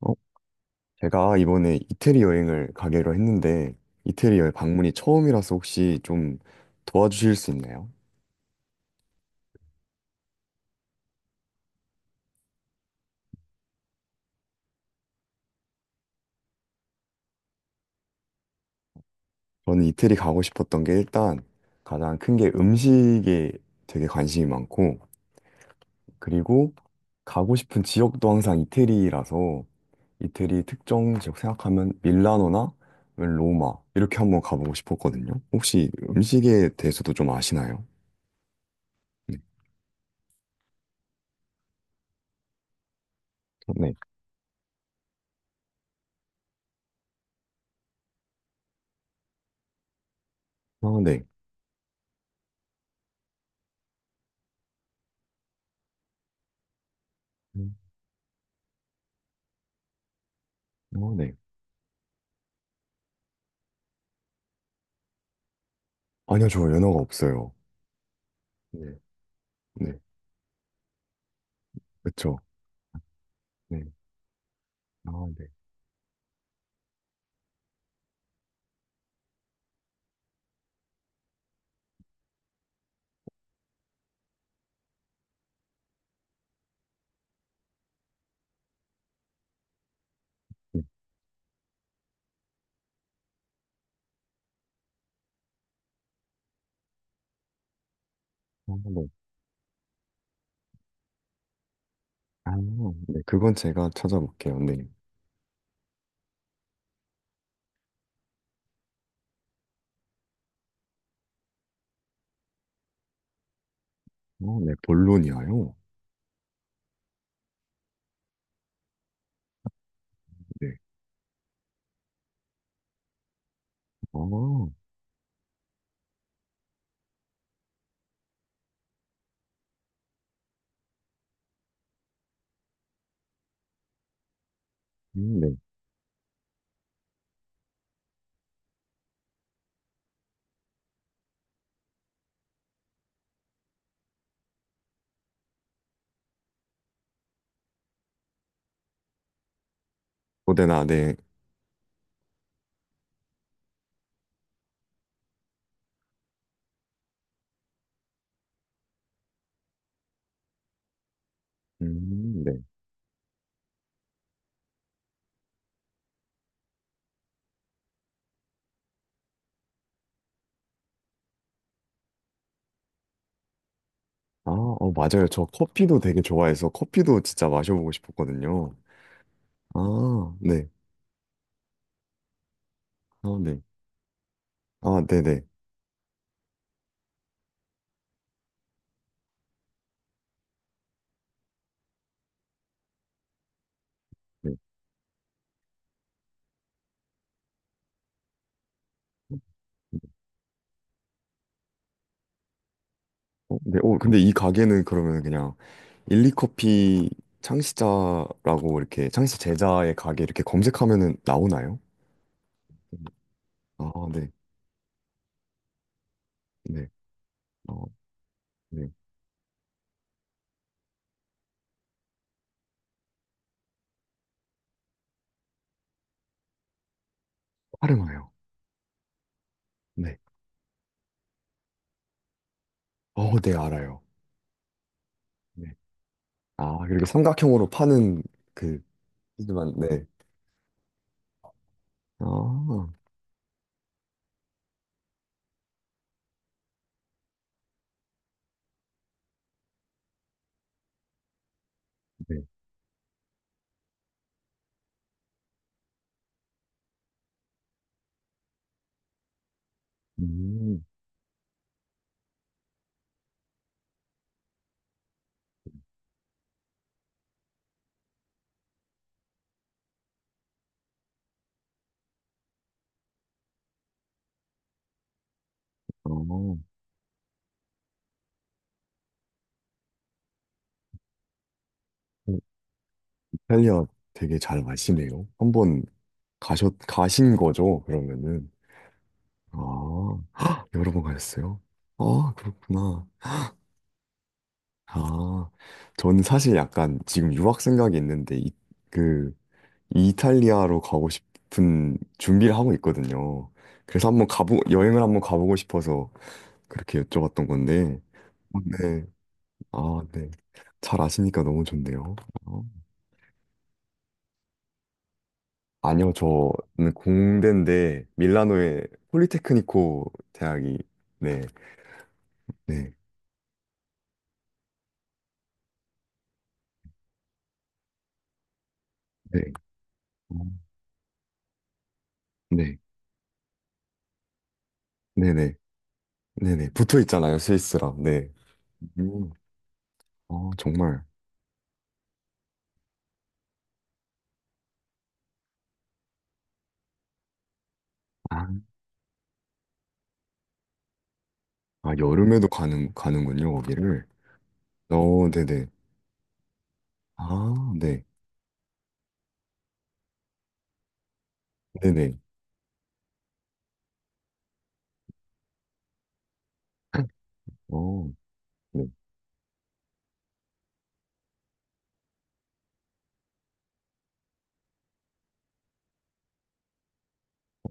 어, 제가 이번에 이태리 여행을 가기로 했는데 이태리 여행 방문이 처음이라서 혹시 좀 도와주실 수 있나요? 저는 이태리 가고 싶었던 게 일단 가장 큰 게 음식에 되게 관심이 많고 그리고 가고 싶은 지역도 항상 이태리라서 이태리 특정 지역 생각하면 밀라노나 아니면 로마 이렇게 한번 가보고 싶었거든요. 혹시 음식에 대해서도 좀 아시나요? 네. 네. 아, 네. 음, 아, 네. 아니요, 저 연어가 없어요. 네, 그쵸. 네, 아, 네, 네, 아, 네, 아, 네, 그건 제가 찾아볼게요. 네, 어, 네, 볼로니아요. 네, 어, 네, 고데나, 네, 네, 아, 어, 맞아요. 저 커피도 되게 좋아해서 커피도 진짜 마셔보고 싶었거든요. 아, 네, 아, 네, 아, 네, 네, 네, 어, 네, 어, 근데 이 가게는 그러면 그냥 일리커피 창시자라고 이렇게 창시 제자의 가게 이렇게 검색하면은 나오나요? 음. 아, 네, 네. 아, 네, 파르마요. 네. 어, 네, 알아요. 네. 아, 그리고 삼각형으로 파는 그 피드만, 네. 아, 네. 음, 어, 어, 이탈리아 되게 잘 마시네요. 한번 가신 거죠, 그러면은. 아, 헉, 여러 번 가셨어요? 아, 그렇구나. 아, 저는 사실 약간 지금 유학 생각이 있는데, 그, 이탈리아로 가고 싶은 준비를 하고 있거든요. 그래서 한번 여행을 한번 가보고 싶어서 그렇게 여쭤봤던 건데, 네. 아, 네. 잘 아시니까 너무 좋네요. 어. 아니요, 저는 공대인데, 밀라노의 폴리테크니코 대학이, 네, 네, 네, 어, 네, 네네, 네네. 붙어 있잖아요, 스위스랑. 네. 음, 아, 정말. 아, 아, 여름에도 가는군요, 거기를. 어, 네네. 아, 네, 네네. 어, 네.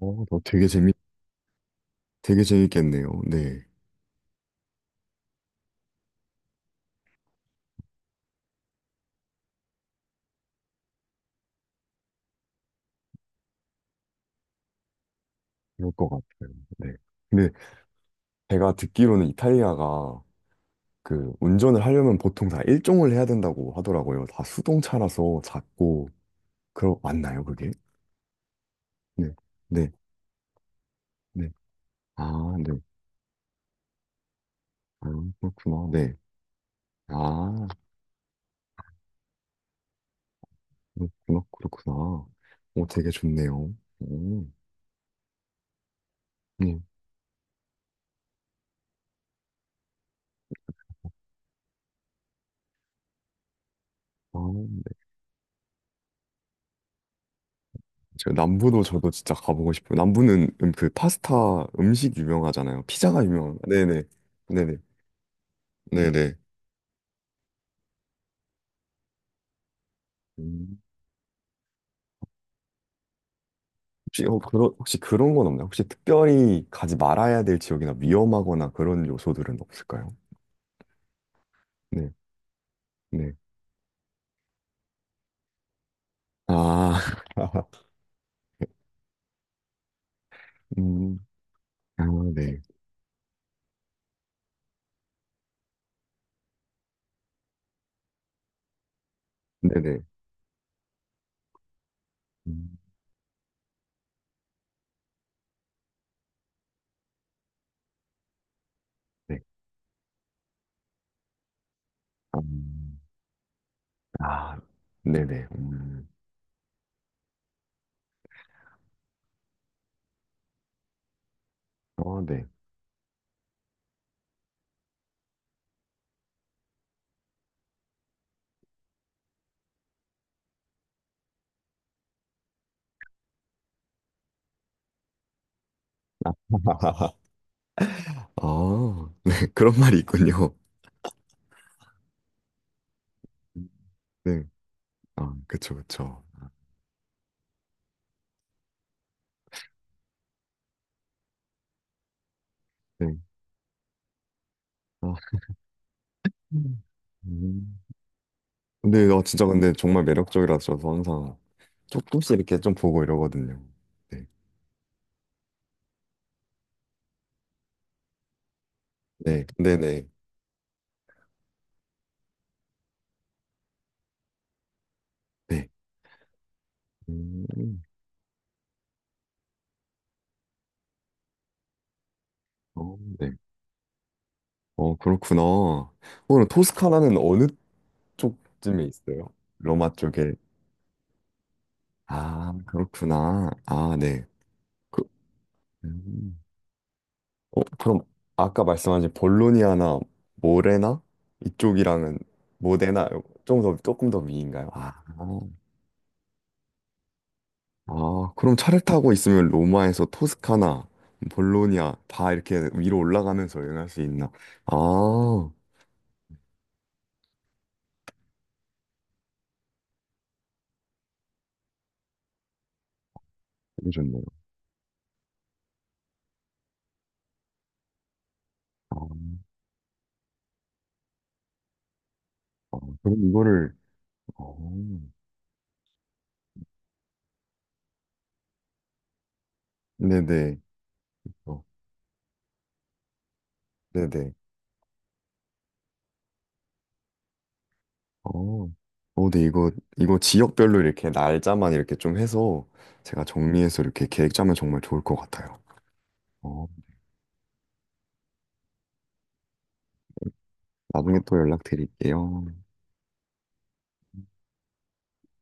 어, 너 되게 재밌겠네요. 네. 그럴 것 같아요. 네. 제가 듣기로는 이탈리아가 그 운전을 하려면 보통 다 일종을 해야 된다고 하더라고요. 다 수동차라서 작고 그러 맞나요, 그게? 네, 네, 네. 아, 네. 아, 그렇구나. 네. 아, 그렇구나, 그렇구나. 오, 되게 좋네요. 오, 네. 아, 네. 저 남부도 저도 진짜 가보고 싶어요. 남부는 그 파스타 음식 유명하잖아요. 피자가 유명한. 네네, 네네, 네네. 음. 혹시 그런 건 없나요? 혹시 특별히 가지 말아야 될 지역이나 위험하거나 그런 요소들은 없을까요? 네, 네. 아, 음, 아, 네. 네네. 음, 네. 아, 아, 네네. 어, 네. 아, 네. 그런 말이 있군요. 네. 아, 그쵸, 그쵸. 네. 아, 음. 음. 근데, 아, 진짜 근데 정말 매력적이라서 저도 항상 조금씩 이렇게 좀 보고 이러거든요. 네. 네, 네네. 네. 음, 어, 네. 어, 그렇구나. 오늘 토스카나는 어느 쪽쯤에 있어요? 로마 쪽에. 아, 그렇구나. 아, 네. 그, 음. 어, 그럼 아까 말씀하신 볼로니아나 모레나 이쪽이랑은 모데나 조금 더 조금 더 위인가요? 아, 아, 그럼 차를 타고 있으면 로마에서 토스카나, 볼로니아 다 이렇게 위로 올라가면서 여행할 수 있나? 아, 되게 좋네요. 아, 아, 그럼 이거를 어, 네네. 어, 네네. 어. 어, 네, 이거 지역별로 이렇게 날짜만 이렇게 좀 해서 제가 정리해서 이렇게 계획 짜면 정말 좋을 것 같아요. 어, 나중에 또 연락드릴게요.